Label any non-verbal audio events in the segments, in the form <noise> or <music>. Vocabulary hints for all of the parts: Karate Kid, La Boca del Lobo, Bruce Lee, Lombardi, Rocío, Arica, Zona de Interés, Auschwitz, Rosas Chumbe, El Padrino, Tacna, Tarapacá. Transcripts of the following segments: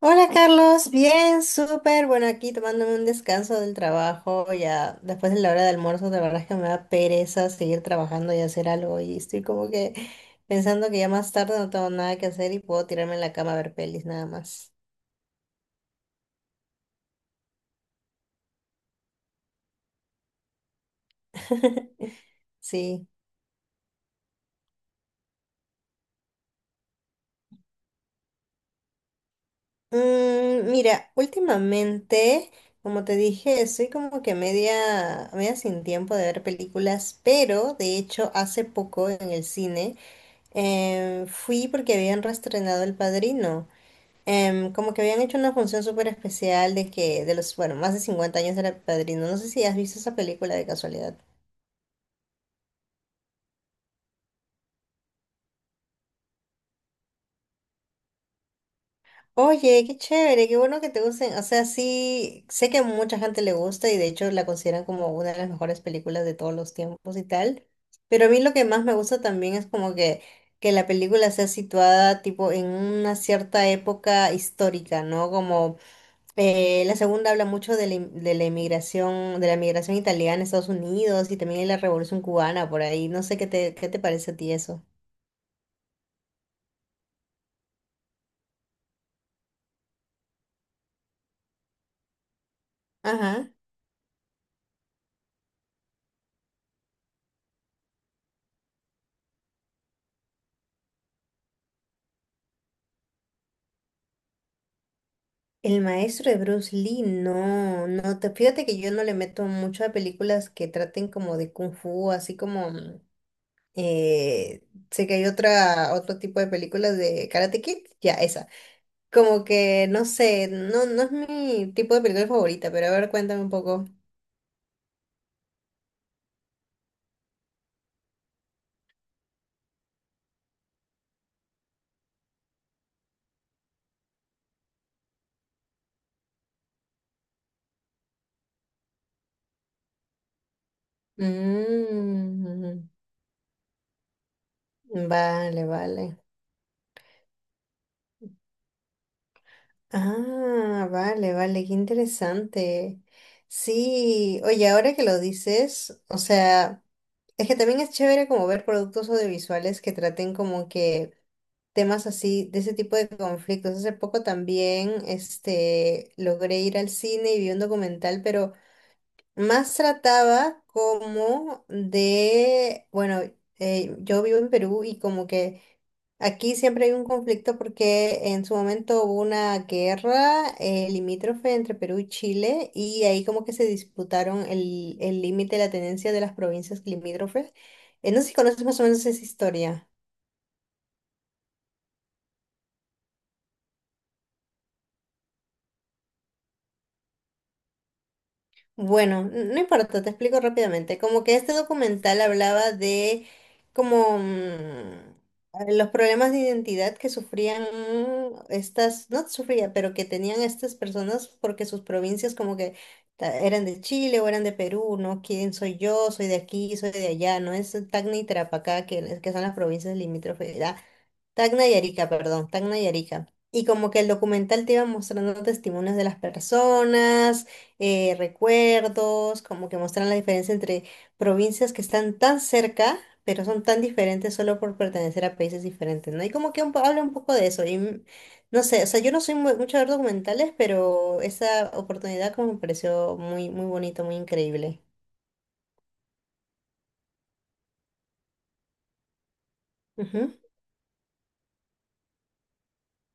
Hola Carlos, bien, súper. Bueno, aquí tomándome un descanso del trabajo, ya después de la hora de almuerzo, la verdad es que me da pereza seguir trabajando y hacer algo y estoy como que pensando que ya más tarde no tengo nada que hacer y puedo tirarme en la cama a ver pelis nada más. <laughs> Sí. Mira, últimamente, como te dije, estoy como que media sin tiempo de ver películas, pero de hecho hace poco en el cine fui porque habían reestrenado El Padrino. Como que habían hecho una función súper especial de que, de los, bueno, más de 50 años era Padrino. No sé si has visto esa película de casualidad. Oye, qué chévere, qué bueno que te gusten. O sea, sí, sé que a mucha gente le gusta y de hecho la consideran como una de las mejores películas de todos los tiempos y tal. Pero a mí lo que más me gusta también es como que la película sea situada tipo en una cierta época histórica, ¿no? Como... la segunda habla mucho de de la inmigración, de la migración italiana a Estados Unidos y también de la Revolución cubana por ahí. No sé qué te parece a ti eso. Ajá. El maestro de Bruce Lee, no, fíjate que yo no le meto mucho a películas que traten como de kung fu, así como eh, sé que hay otro tipo de películas de Karate Kid, ya esa. Como que no sé, no, no es mi tipo de película favorita, pero a ver, cuéntame un poco. Mm. Vale, vale. Ah, vale, vale, qué interesante. Sí, oye, ahora que lo dices, o sea, es que también es chévere como ver productos audiovisuales que traten como que temas así, de ese tipo de conflictos. Hace poco también, este, logré ir al cine y vi un documental, pero más trataba como de, bueno, yo vivo en Perú y como que... Aquí siempre hay un conflicto porque en su momento hubo una guerra limítrofe entre Perú y Chile y ahí como que se disputaron el límite de la tenencia de las provincias limítrofes. No sé si conoces más o menos esa historia. Bueno, no importa, te explico rápidamente. Como que este documental hablaba de como los problemas de identidad que sufrían estas, no sufría, pero que tenían estas personas porque sus provincias como que eran de Chile o eran de Perú, ¿no? ¿Quién soy yo? Soy de aquí, soy de allá, no es Tacna y Tarapacá, que son las provincias limítrofes. Tacna y Arica, perdón, Tacna y Arica. Y como que el documental te iba mostrando testimonios de las personas, recuerdos, como que mostran la diferencia entre provincias que están tan cerca, pero son tan diferentes solo por pertenecer a países diferentes, ¿no? Y como que habla un poco de eso. Y no sé, o sea, yo no soy mucho de ver documentales, pero esa oportunidad como me pareció muy, muy bonito, muy increíble. Ujú,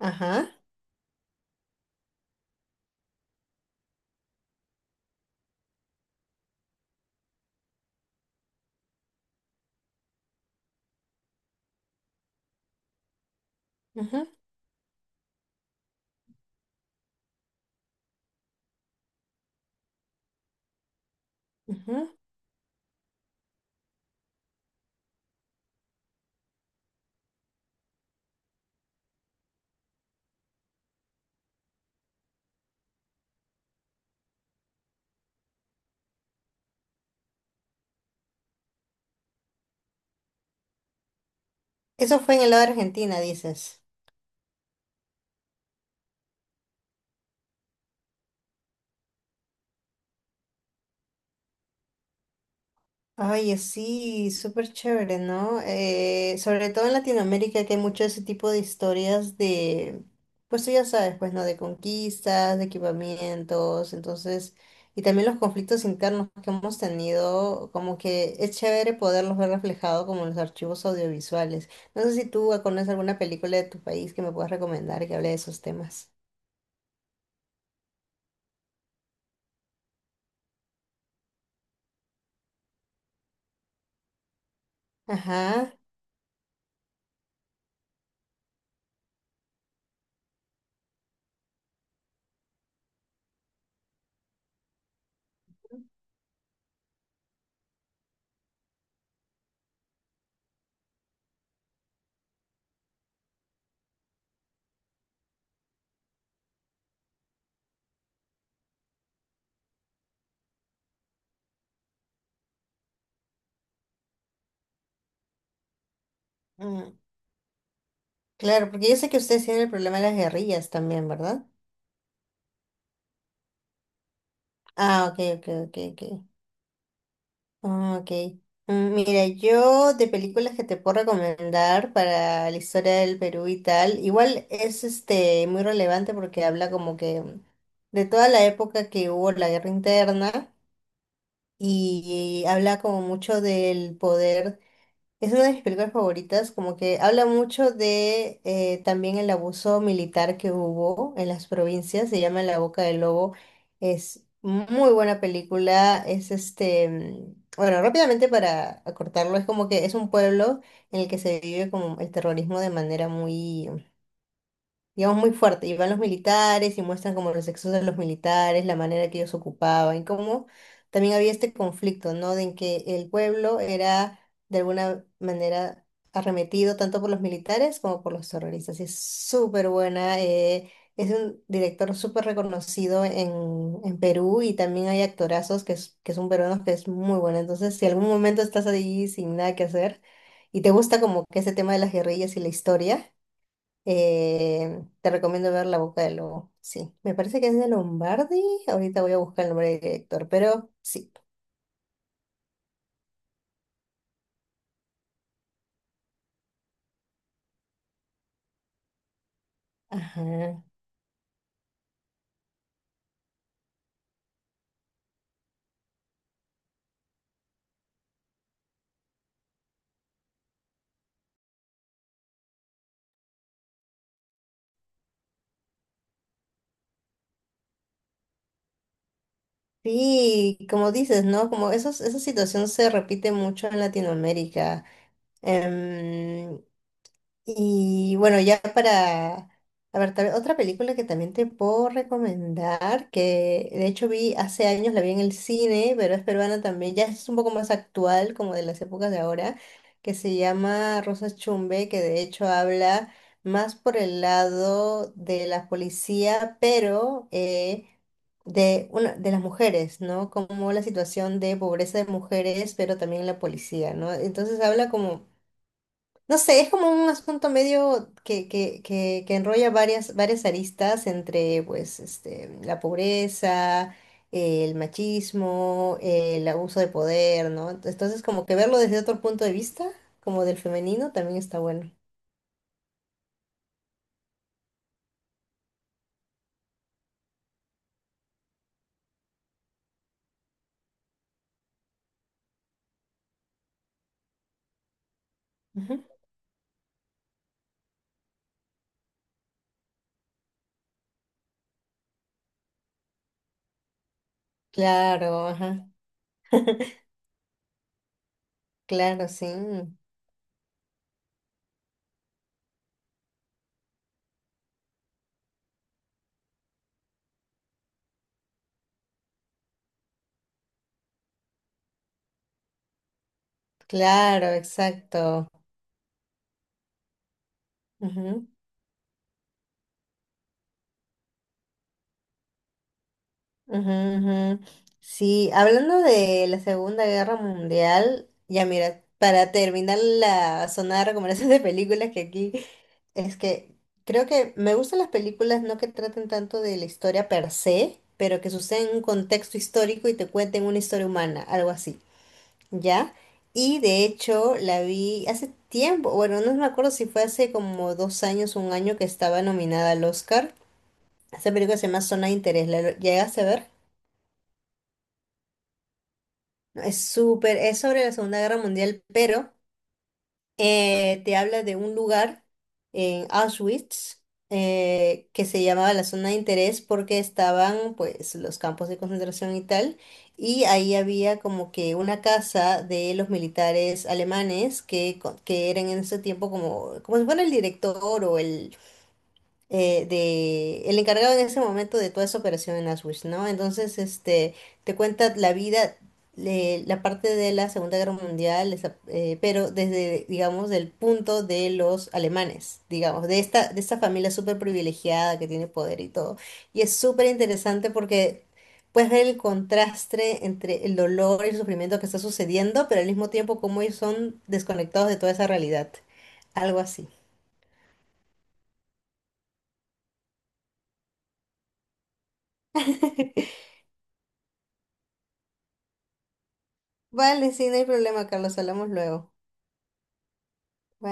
ajá, ajá, ajá. Eso fue en el lado de Argentina, dices. Oye, sí, súper chévere, ¿no? Sobre todo en Latinoamérica que hay mucho ese tipo de historias de, pues tú ya sabes, pues, ¿no? De conquistas, de equipamientos, entonces, y también los conflictos internos que hemos tenido, como que es chévere poderlos ver reflejados como en los archivos audiovisuales. No sé si tú conoces alguna película de tu país que me puedas recomendar que hable de esos temas. Ajá. Mm, claro, porque yo sé que ustedes tienen el problema de las guerrillas también, ¿verdad? Ah, ok, ok, ok, ok. Ah, ok. Mm, mira, yo de películas que te puedo recomendar para la historia del Perú y tal, igual es este muy relevante porque habla como que de toda la época que hubo la guerra interna y habla como mucho del poder. Es una de mis películas favoritas, como que habla mucho de también el abuso militar que hubo en las provincias, se llama La Boca del Lobo, es muy buena película, es este, bueno, rápidamente para acortarlo, es como que es un pueblo en el que se vive como el terrorismo de manera muy, digamos, muy fuerte. Y van los militares y muestran como los excesos de los militares, la manera que ellos ocupaban y cómo también había este conflicto, ¿no? De en que el pueblo era, de alguna manera, arremetido tanto por los militares como por los terroristas. Y es súper buena. Es un director súper reconocido en Perú y también hay actorazos que, que son peruanos que es muy buena. Entonces, si algún momento estás ahí sin nada que hacer y te gusta como que ese tema de las guerrillas y la historia, te recomiendo ver La Boca del Lobo. Sí, me parece que es de Lombardi. Ahorita voy a buscar el nombre del director, pero sí. Ajá. Sí, como dices, ¿no? Como esos, esa situación se repite mucho en Latinoamérica. Em, Y bueno, ya para... A ver, otra película que también te puedo recomendar, que de hecho vi hace años, la vi en el cine, pero es peruana también, ya es un poco más actual, como de las épocas de ahora, que se llama Rosas Chumbe, que de hecho habla más por el lado de la policía, pero de las mujeres, ¿no? Como la situación de pobreza de mujeres, pero también la policía, ¿no? Entonces habla como, no sé, es como un asunto medio que enrolla varias aristas entre pues, este, la pobreza, el machismo, el abuso de poder, ¿no? Entonces, como que verlo desde otro punto de vista, como del femenino, también está bueno. Ujú. Claro, ajá, claro, sí, claro, exacto. Ujú. Ujú, ujú. Sí, hablando de la Segunda Guerra Mundial, ya mira, para terminar la zona de recomendación de películas que aquí es que creo que me gustan las películas no que traten tanto de la historia per se, pero que suceden en un contexto histórico y te cuenten una historia humana, algo así, ¿ya? Y de hecho la vi hace tiempo, bueno, no me acuerdo si fue hace como 2 años, un año que estaba nominada al Oscar. Esa película se llama Zona de Interés, ¿la llegaste a ver? Es súper, es sobre la Segunda Guerra Mundial, pero te habla de un lugar en Auschwitz que se llamaba la zona de interés porque estaban pues los campos de concentración y tal, y ahí había como que una casa de los militares alemanes que eran en ese tiempo como, como si fuera el director o el de el encargado en ese momento de toda esa operación en Auschwitz, ¿no? Entonces, este, te cuenta la vida, la parte de la Segunda Guerra Mundial, pero desde, digamos, del punto de los alemanes, digamos, de esta familia súper privilegiada que tiene poder y todo. Y es súper interesante porque puedes ver el contraste entre el dolor y el sufrimiento que está sucediendo, pero al mismo tiempo cómo ellos son desconectados de toda esa realidad. Algo así. Vale, sí, no hay problema, Carlos, hablamos luego. Bye.